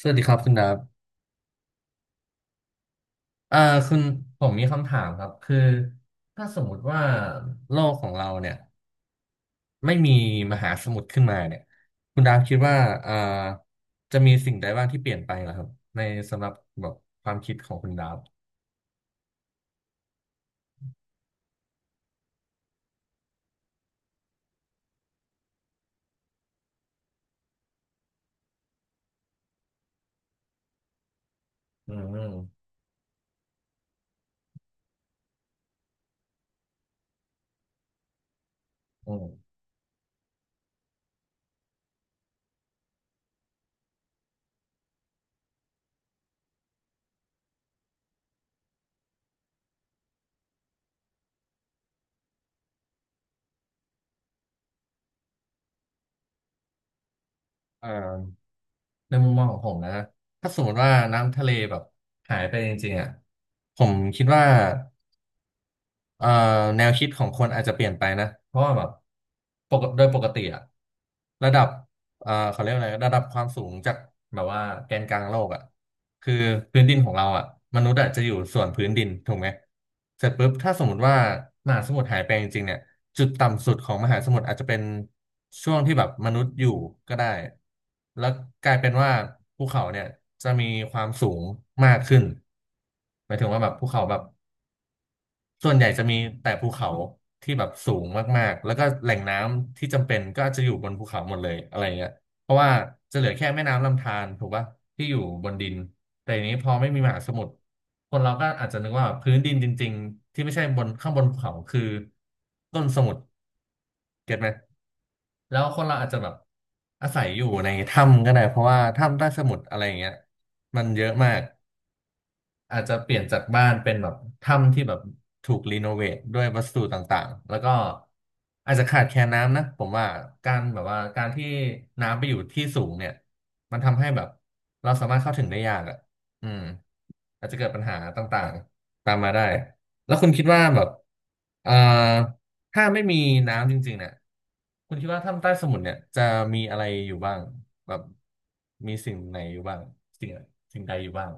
สวัสดีครับคุณดาบเอ่อคุณผมมีคำถามครับคือถ้าสมมติว่าโลกของเราเนี่ยไม่มีมหาสมุทรขึ้นมาเนี่ยคุณดาบคิดว่าเอ่อจะมีสิ่งใดบ้างที่เปลี่ยนไปเหรอครับในสำหรับแบบความคิดของคุณดาบอืมอืมอืมเอ่อในมุมมองของผมนะถ้าสมมติว่าน้ำทะเลแบบหายไปจริงๆอ่ะผมคิดว่า เอ่อแนวคิดของคนอาจจะเปลี่ยนไปนะเพราะว่าแบบปกติโดยปกติอะระดับเขาเรียกว่าอะไรระดับความสูงจากแบบว่าแกนกลางโลกอะคือพื้นดินของเราอะมนุษย์อะจะอยู่ส่วนพื้นดินถูกไหมเสร็จปุ๊บถ้าสมมติว่ามหาสมุทรหายไปจริงๆเนี่ยจุดต่ำสุดของมหาสมุทรอาจจะเป็นช่วงที่แบบมนุษย์อยู่ก็ได้แล้วกลายเป็นว่าภูเขาเนี่ยจะมีความสูงมากขึ้นหมายถึงว่าแบบภูเขาแบบ ส่วนใหญ่จะมีแต่ภูเขาที่แบบสูงมากๆแล้วก็แหล่งน้ำที่จำเป็นก็จะอยู่บนภูเขาหมดเลยอะไรเงี้ยเพราะว่าจะเหลือแค่แม่น้ำลำธารถูกป่ะที่อยู่บนดินแต่ทีนี้พอไม่มีมหาสมุทรคนเราก็อาจจะนึกว่าพื้นดินจริงๆที่ไม่ใช่บนข้างบนภูเขาคือต้นสมุทรเก็ตไหมแล้วคนเราอาจจะแบบอาศัยอยู่ในถ้ำก็ได้เพราะว่าถ้ำใต้สมุทรอะไรอย่างเงี้ยมันเยอะมาก อาจจะเปลี่ยนจากบ้านเป็นแบบถ้ำที่แบบถูกรีโนเวทด้วยวัสดุต่างๆแล้วก็อาจจะขาดแคลนน้ำนะผมว่าการแบบว่าการที่น้ำไปอยู่ที่สูงเนี่ยมันทำให้แบบเราสามารถเข้าถึงได้ยากอ่ะอืมอาจจะเกิดปัญหาต่างๆตามมาได้แล้วคุณคิดว่าแบบเอ่อถ้าไม่มีน้ำจริงๆเนี่ยคุณคิดว่าถ้ำใต้สมุทรเนี่ยจะมีอะไรอยู่บ้างแบบมีสิ่งไหนอยู่บ้างสิ่งสิ่งใดอยู่บ้าง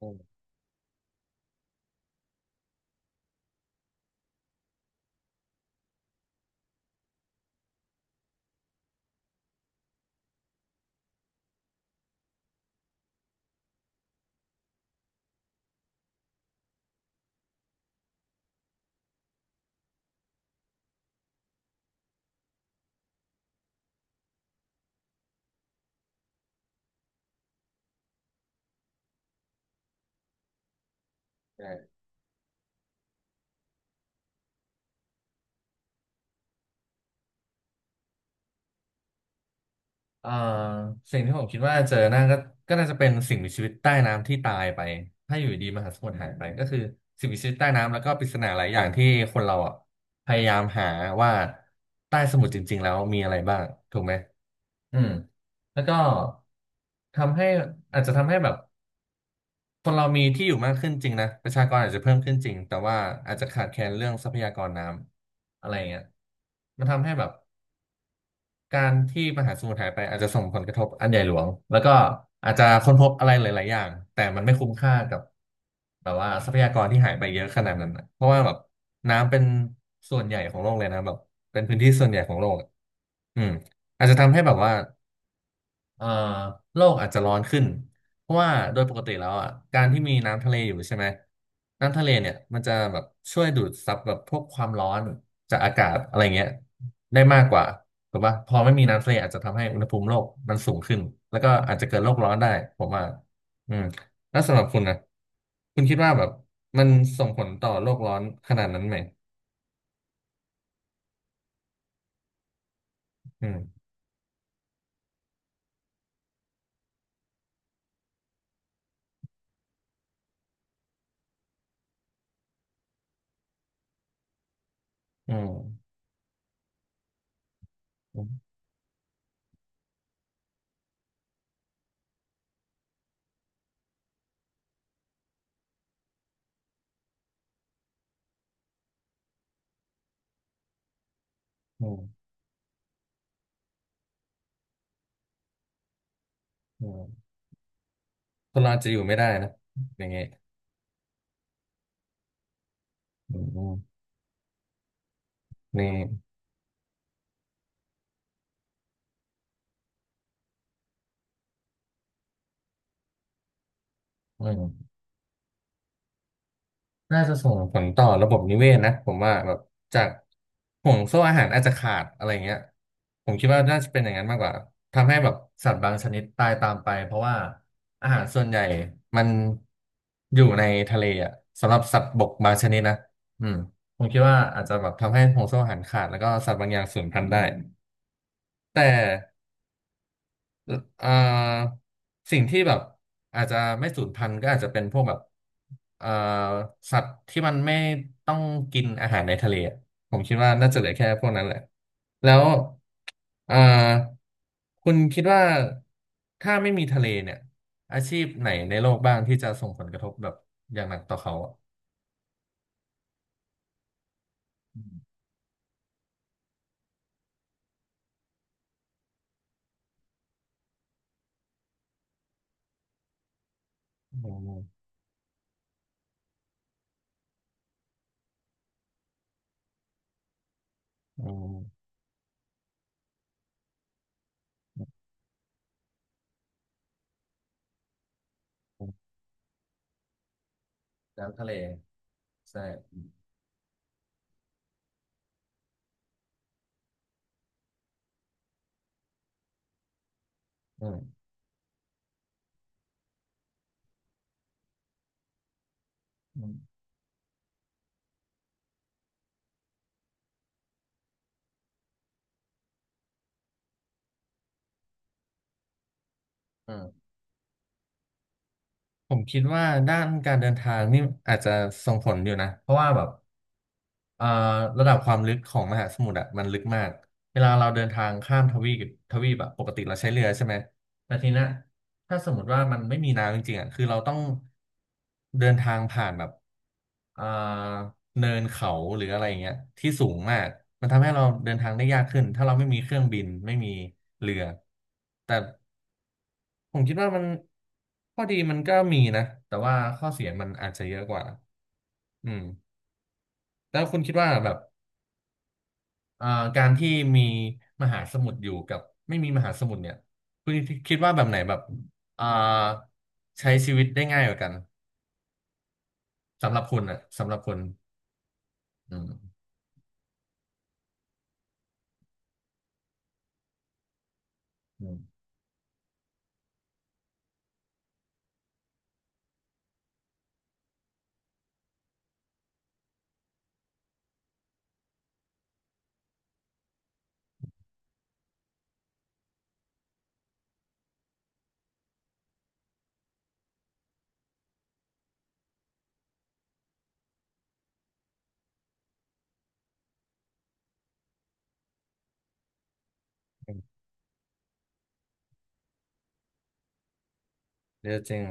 อืมใช่ เอ่อสิ่งที่ผมคิดว่าเจอหน้าก็น่าจะเป็นสิ่งมีชีวิตใต้น้ำที่ตายไปถ้าอยู่ดีมหาสมุทรหายไปก็คือสิ่งมีชีวิตใต้น้ำแล้วก็ปริศนาหลายอย่างที่คนเราอ่ะพยายามหาว่าใต้สมุทรจริงๆแล้วมีอะไรบ้างถูกไหมอืมแล้วก็ทำให้อาจจะทำให้แบบคนเรามีที่อยู่มากขึ้นจริงนะประชากรอาจจะเพิ่มขึ้นจริงแต่ว่าอาจจะขาดแคลนเรื่องทรัพยากรน้ำอะไรเงี้ยมันทำให้แบบ การที่มหาสมุทรหายไปอาจจะส่งผลกระทบอันใหญ่หลวงแล้วก็อาจจะค้นพบอะไรหลายๆอย่างแต่มันไม่คุ้มค่ากับแบบว่าทรัพยากรที่หายไปเยอะขนาดนั้นนะเพราะว่าแบบน้ำเป็นส่วนใหญ่ของโลกเลยนะแบบเป็นพื้นที่ส่วนใหญ่ของโลกอะอืมอาจจะทำให้แบบว่า เอ่อโลกอาจจะร้อนขึ้นเพราะว่าโดยปกติแล้วอ่ะการที่มีน้ำทะเลอยู่ใช่ไหมน้ำทะเลเนี่ยมันจะแบบช่วยดูดซับแบบพวกความร้อนจากอากาศอะไรเงี้ยได้มากกว่าถูกป่ะพอไม่มีน้ำทะเลอาจจะทำให้อุณหภูมิโลกมันสูงขึ้นแล้วก็อาจจะเกิดโลกร้อนได้ผมว่าอืมแล้วสำหรับคุณนะคุณคิดว่าแบบมันส่งผลต่อโลกร้อนขนาดนั้นไหมอืมอืมอืมอืมอืมคนเราอาจจะอยู่ไม่ได้นะอย่างเงี้ยอืมอืมนี่ อืมน่าจะส่งผลต่อระบบนิเวศนะผมว่าแบบจากห่วงโซ่อาหารอาจจะขาดอะไรเงี้ยผมคิดว่าน่าจะเป็นอย่างนั้นมากกว่าทำให้แบบสัตว์บางชนิดตายตามไปเพราะว่าอาหารส่วนใหญ่มันอยู่ในทะเลอ่ะสำหรับสัตว์บกบางชนิดนะอืมผมคิดว่าอาจจะแบบทำให้ห่วงโซ่อาหารขาดแล้วก็สัตว์บางอย่างสูญพันธุ์ได้แต่ อ่าสิ่งที่แบบอาจจะไม่สูญพันธุ์ก็อาจจะเป็นพวกแบบอ่าสัตว์ที่มันไม่ต้องกินอาหารในทะเลอะผมคิดว่าน่าจะเหลือแค่พวกนั้นแหละแล้วอ่าคุณคิดว่าถ้าไม่มีทะเลเนี่ยอาชีพไหนในโลกบ้างที่จะส่งผลกระทบแบบอย่างหนักต่อเขาอะอืมอืมอืมน้ำทะเลใช่ออืมอืม ผมคิดว่าด้านการเดินทางนี่อาจจะส่งผลอยู่นะเพราะว่าแบบเอ่อระดับความลึกของมหาสมุทรอะมันลึกมากเวลาเราเดินทางข้ามทวีปทวีปอะปกติเราใช้เรือใช่ไหมแต่ทีเนี้ยถ้าสมมติว่ามันไม่มีน้ำจริงๆอะคือเราต้องเดินทางผ่านแบบเอ่อเนินเขาหรืออะไรอย่างเงี้ยที่สูงมากมันทำให้เราเดินทางได้ยากขึ้นถ้าเราไม่มีเครื่องบินไม่มีเรือแต่ ผมคิดว่ามันข้อดีมันก็มีนะแต่ว่าข้อเสียมันอาจจะเยอะกว่าอืมแล้วคุณคิดว่าแบบเอ่อการที่มีมหาสมุทรอยู่กับไม่มีมหาสมุทรเนี่ยคุณคิดว่าแบบไหนแบบเอ่อใช้ชีวิตได้ง่ายกว่ากันสำหรับคุณอ่ะสำหรับคุณอืมอืมอืมเยอะจริง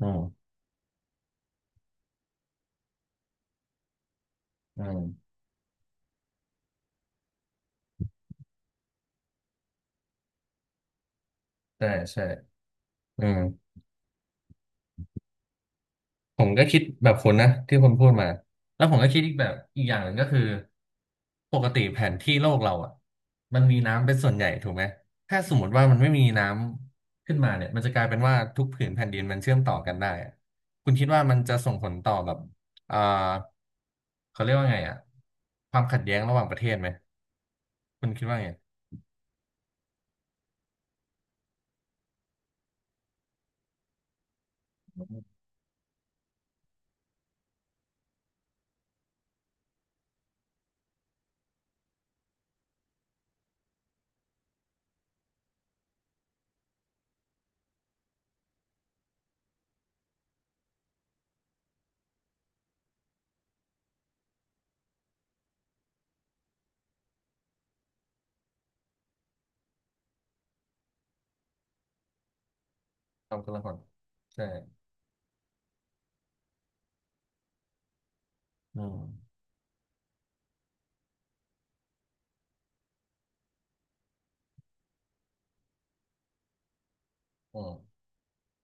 อืมอืมใช่ใช่อืม ผมก็คิดแบบคุณนะที่คุณพูดมาแล้วผมก็คิดอีกแบบอีกอย่างหนึ่งก็คือปกติแผนที่โลกเราอ่ะมันมีน้ำเป็นส่วนใหญ่ถูกไหมถ้าสมมติว่ามันไม่มีน้ำขึ้นมาเนี่ยมันจะกลายเป็นว่าทุกผืนแผ่นดินมันเชื่อมต่อกันได้อะคุณคิดว่ามันจะส่งผลต่อแบบอ่าเขาเรียกว่าไงอ่ะความขัดแย้งระหว่างประเทศไหมคุณคิดว่าไงความกังวลใช่อืมอืม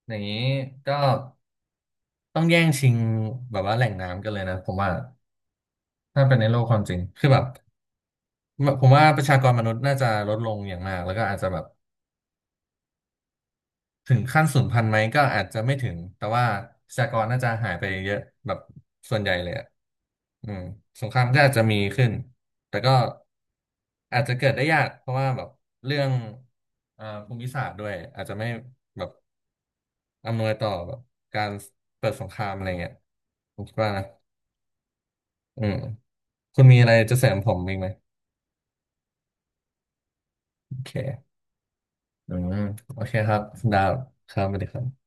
อย่างนี้ก็ต้องแย่งชิงแบบว่าแหล่งน้ำกันเลยนะผมว่า ถ้าเป็นในโลกความจริงคือแบบผมว่าประชากรมนุษย์น่าจะลดลงอย่างมากแล้วก็อาจจะแบบถึงขั้นสูญพันธุ์ไหมก็อาจจะไม่ถึงแต่ว่าประชากรน่าจะหายไปเยอะแบบส่วนใหญ่เลยอะอืมสงครามก็อาจจะมีขึ้นแต่ก็อาจจะเกิดได้ยากเพราะว่าแบบเรื่องภูมิศาสตร์ด้วยอาจจะไม่แบบอำนวยต่อแบบการเปิดสงครามอะไรเงี้ยผมคิดว่านะอืมคุณมีอะไรจะเสริมผมอีกไหมโอเคอืมโอเคครับคุณดาวครับสวัสดีครับ